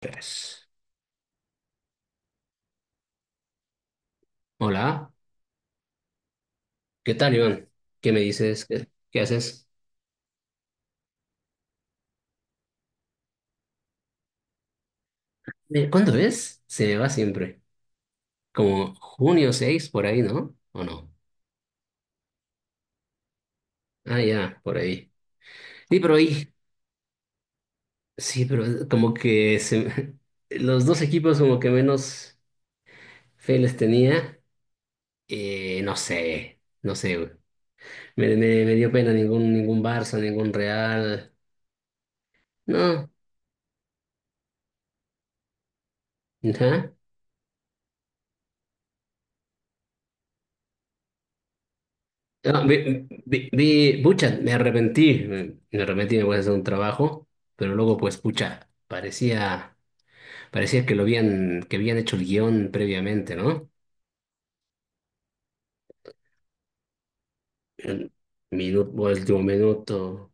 Pues, hola, ¿qué tal, Iván? ¿Qué me dices? ¿¿Qué haces? ¿Cuándo es? Se me va siempre. Como junio 6 por ahí, ¿no? ¿O no? Ah, ya, por ahí. Sí, pero ahí, sí, pero como que se me- los dos equipos como que menos fe les tenía. No sé, no sé, güey. Me dio pena ningún Barça, ningún Real. No, ajá. No, pucha, me arrepentí, me arrepentí, me voy a hacer un trabajo, pero luego pues, pucha, parecía, que habían hecho el guión previamente, ¿no? El último minuto.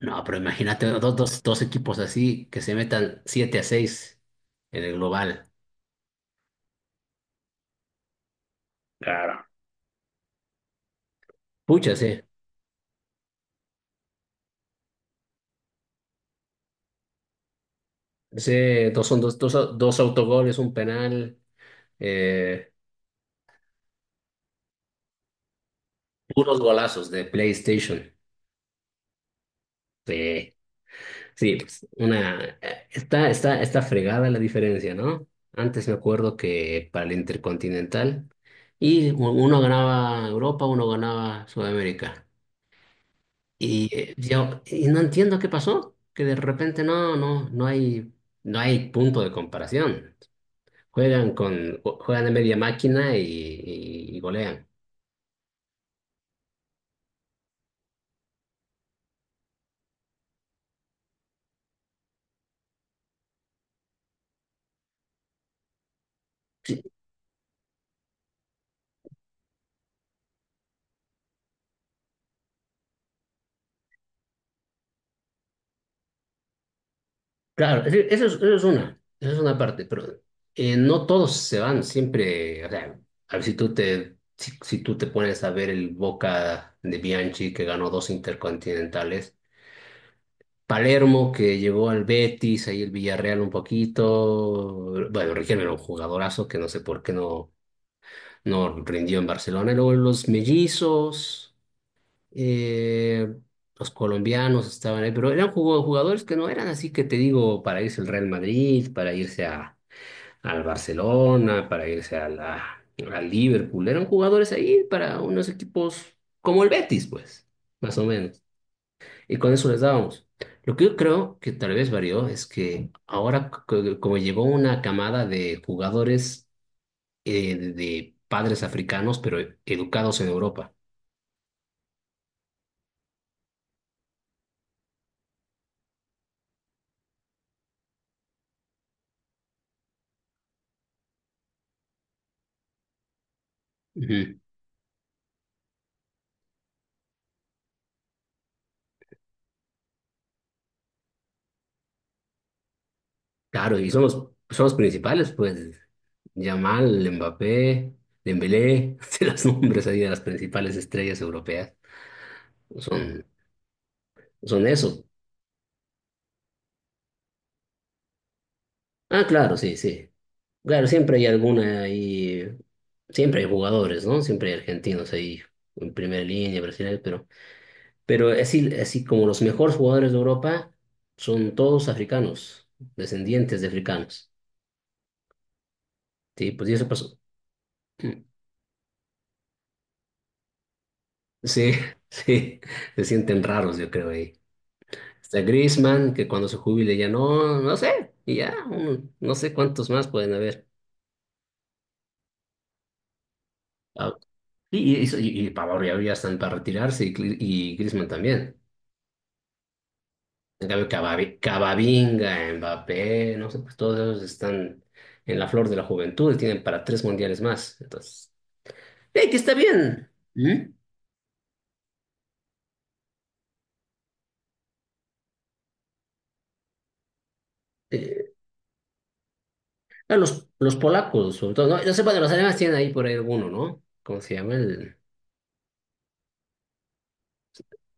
No, pero imagínate dos equipos así que se metan 7-6 en el global. Claro. Pucha, sí. Sí, dos son dos, dos, dos autogoles, un penal, eh, puros golazos de PlayStation. Sí. Sí, pues está fregada la diferencia, ¿no? Antes me acuerdo que para el Intercontinental, y uno ganaba Europa, uno ganaba Sudamérica. Y yo no entiendo qué pasó, que de repente no, no, no hay punto de comparación. Juegan de media máquina y golean. Claro, es decir, eso es una parte, pero no todos se van siempre, o sea, a ver si tú te, si tú te pones a ver el Boca de Bianchi que ganó dos intercontinentales, Palermo que llegó al Betis, ahí el Villarreal un poquito, bueno, Riquelme era un jugadorazo que no sé por qué no rindió en Barcelona, y luego los mellizos eh, los colombianos estaban ahí, pero eran jugadores que no eran así que te digo, para irse al Real Madrid, para irse al Barcelona, para irse a al Liverpool, eran jugadores ahí para unos equipos como el Betis, pues, más o menos. Y con eso les dábamos. Lo que yo creo que tal vez varió es que ahora, como llegó una camada de jugadores de padres africanos, pero educados en Europa. Ujú. Claro, y son los principales, pues. Yamal, Mbappé, Dembélé, se los nombres ahí de las principales estrellas europeas. Son, son eso. Ah, claro, sí, sí. Claro, siempre hay alguna ahí, siempre hay jugadores, ¿no? Siempre hay argentinos ahí en primera línea, brasileños, pero, así, así como los mejores jugadores de Europa son todos africanos, descendientes de africanos. Sí, pues y eso pasó. Sí, sí, se sienten raros, yo creo ahí. Está Griezmann, que cuando se jubile ya no, no sé, y ya, no sé cuántos más pueden haber. Ah, Y, y Pavard ya están para retirarse y Griezmann también. En cambio, Camavinga, Mbappé, no sé, pues todos ellos están en la flor de la juventud y tienen para tres mundiales más. Entonces, que está bien. ¿Mm? Eh, los polacos, sobre todo, no, no sé, bueno, los alemanes tienen ahí por ahí alguno, ¿no? ¿Cómo se llama? El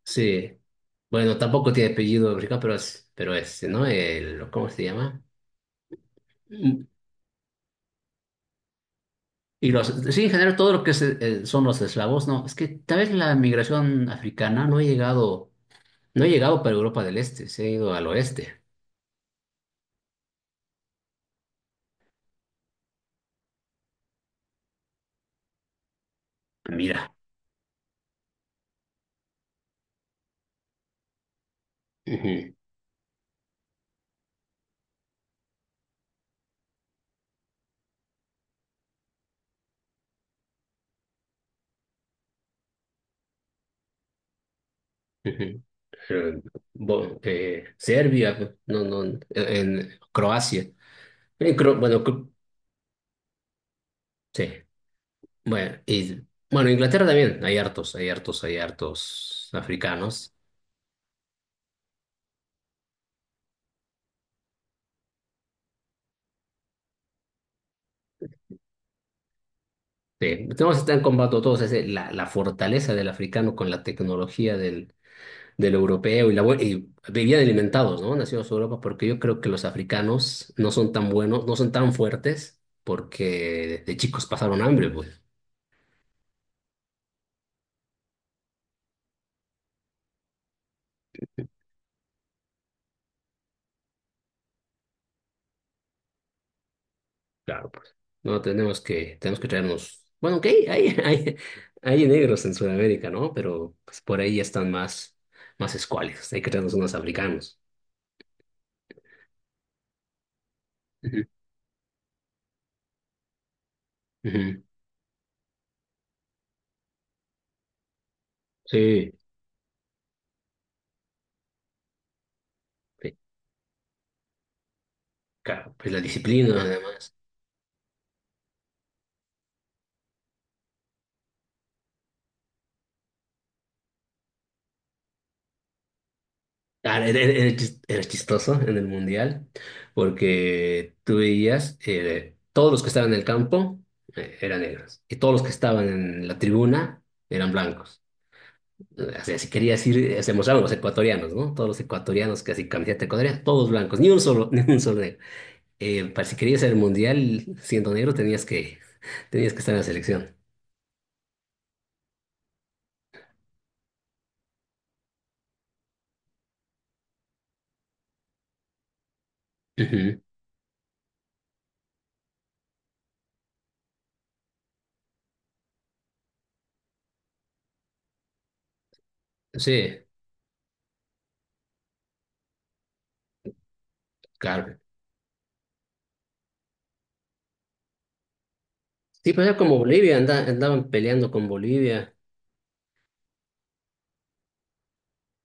sí. Bueno, tampoco tiene apellido africano, pero este, ¿no? El, ¿cómo se llama? Mm, Y los, sí, en general, todo lo que son los eslavos, no, es que tal vez la migración africana no ha llegado, no ha llegado para Europa del Este, se ha ido al oeste. Mira. Ujú, ujú. Eh, Serbia, no, no, en Croacia. En Cro- bueno, Cro- Sí. Bueno, y, bueno, Inglaterra también, hay hartos africanos. Sí, tenemos están en todos, ese la fortaleza del africano con la tecnología del europeo y vivían alimentados, ¿no? Nacidos en Europa, porque yo creo que los africanos no son tan buenos, no son tan fuertes, porque de chicos pasaron hambre, pues. Claro, pues. No, tenemos que traernos. Bueno, ok, hay negros en Sudamérica, ¿no? Pero pues, por ahí ya están más, más escuálidos, hay que traernos unos africanos. Ujú. Ujú. Sí, sí, claro, pues la disciplina, además. Ah, era chistoso en el mundial porque tú veías todos los que estaban en el campo eran negros y todos los que estaban en la tribuna eran blancos. O sea, si querías ir, se mostraban los ecuatorianos, ¿no? Todos los ecuatorianos casi así camiseta ecuatoriana, todos blancos, ni un solo, ni un solo negro. Para si querías ir al mundial siendo negro tenías que, estar en la selección. Ujú. Sí, claro. Sí, pues era como Bolivia, andaban peleando con Bolivia.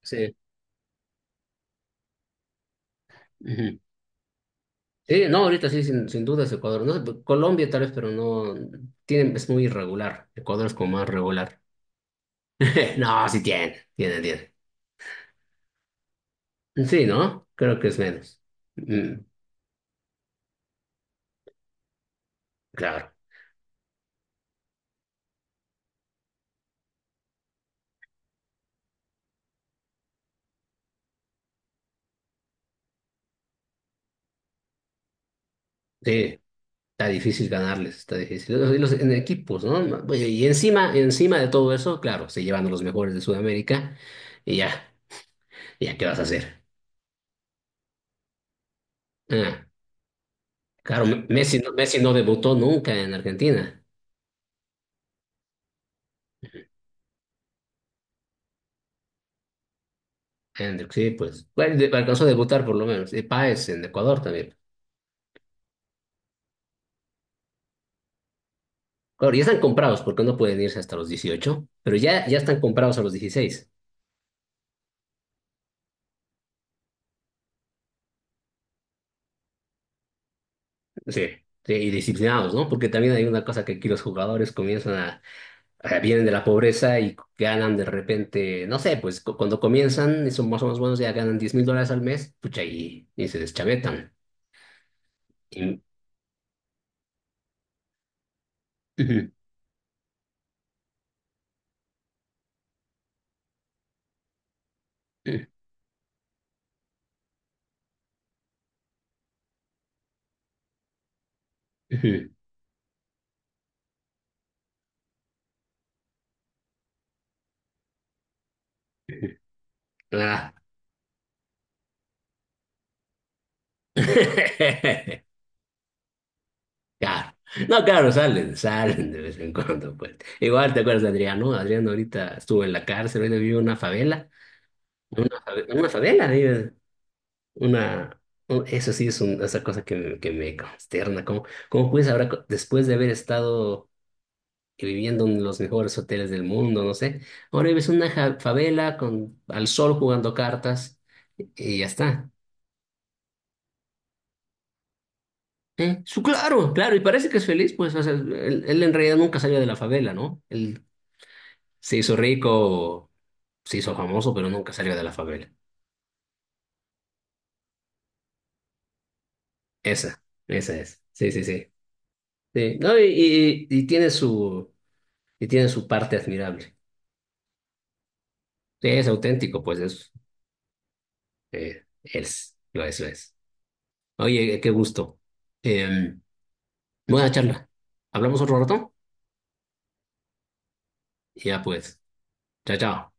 Sí. Ujú. Sí, no, ahorita sí, sin dudas Ecuador, ¿no? Colombia tal vez, pero no, es muy irregular. Ecuador es como más regular. No, sí tiene, tiene, tiene. Sí, ¿no? Creo que es menos. Mm, claro, sí, está difícil ganarles, está difícil. Y en equipos, ¿no? Oye, y encima, encima de todo eso, claro, se llevan a los mejores de Sudamérica y ya, ya, ¿qué vas a hacer? Ah, claro, Messi, Messi no debutó nunca en Argentina. Hendrix, sí, pues. Bueno, alcanzó a debutar por lo menos. Y Páez en Ecuador también. Claro, ya están comprados porque no pueden irse hasta los 18, pero ya están comprados a los 16. Sí. Sí, y disciplinados, ¿no? Porque también hay una cosa que aquí los jugadores comienzan a vienen de la pobreza y ganan de repente, no sé, pues cuando comienzan y son más o menos buenos, ya ganan $10,000 al mes, pucha, y se deschavetan. Y- Ujú, ujú, ujú, ujú. Ah. Claro. No, claro, salen de vez en cuando, pues. Igual te acuerdas de Adrián, ¿no? Adrián ahorita estuvo en la cárcel, hoy vive en una favela. Unas adelas, digo, una, eso sí es esa cosa que me consterna. ¿Cómo puedes ahora, después de haber estado viviendo en los mejores hoteles del mundo, no sé, ahora ves una favela al sol jugando cartas y ya está? ¿Eh? Claro, claro, y parece que es feliz, pues, o sea, él en realidad nunca salió de la favela, ¿no? Él se hizo rico, se hizo famoso, pero nunca salió de la favela. Esa, esa es. Sí, sí, sí. Sí, no, y tiene su parte admirable. Sí, es auténtico, pues lo es, lo es. Oye, qué gusto. Eh, Buena charla. ¿Hablamos otro rato? Ya pues. Chao, chao.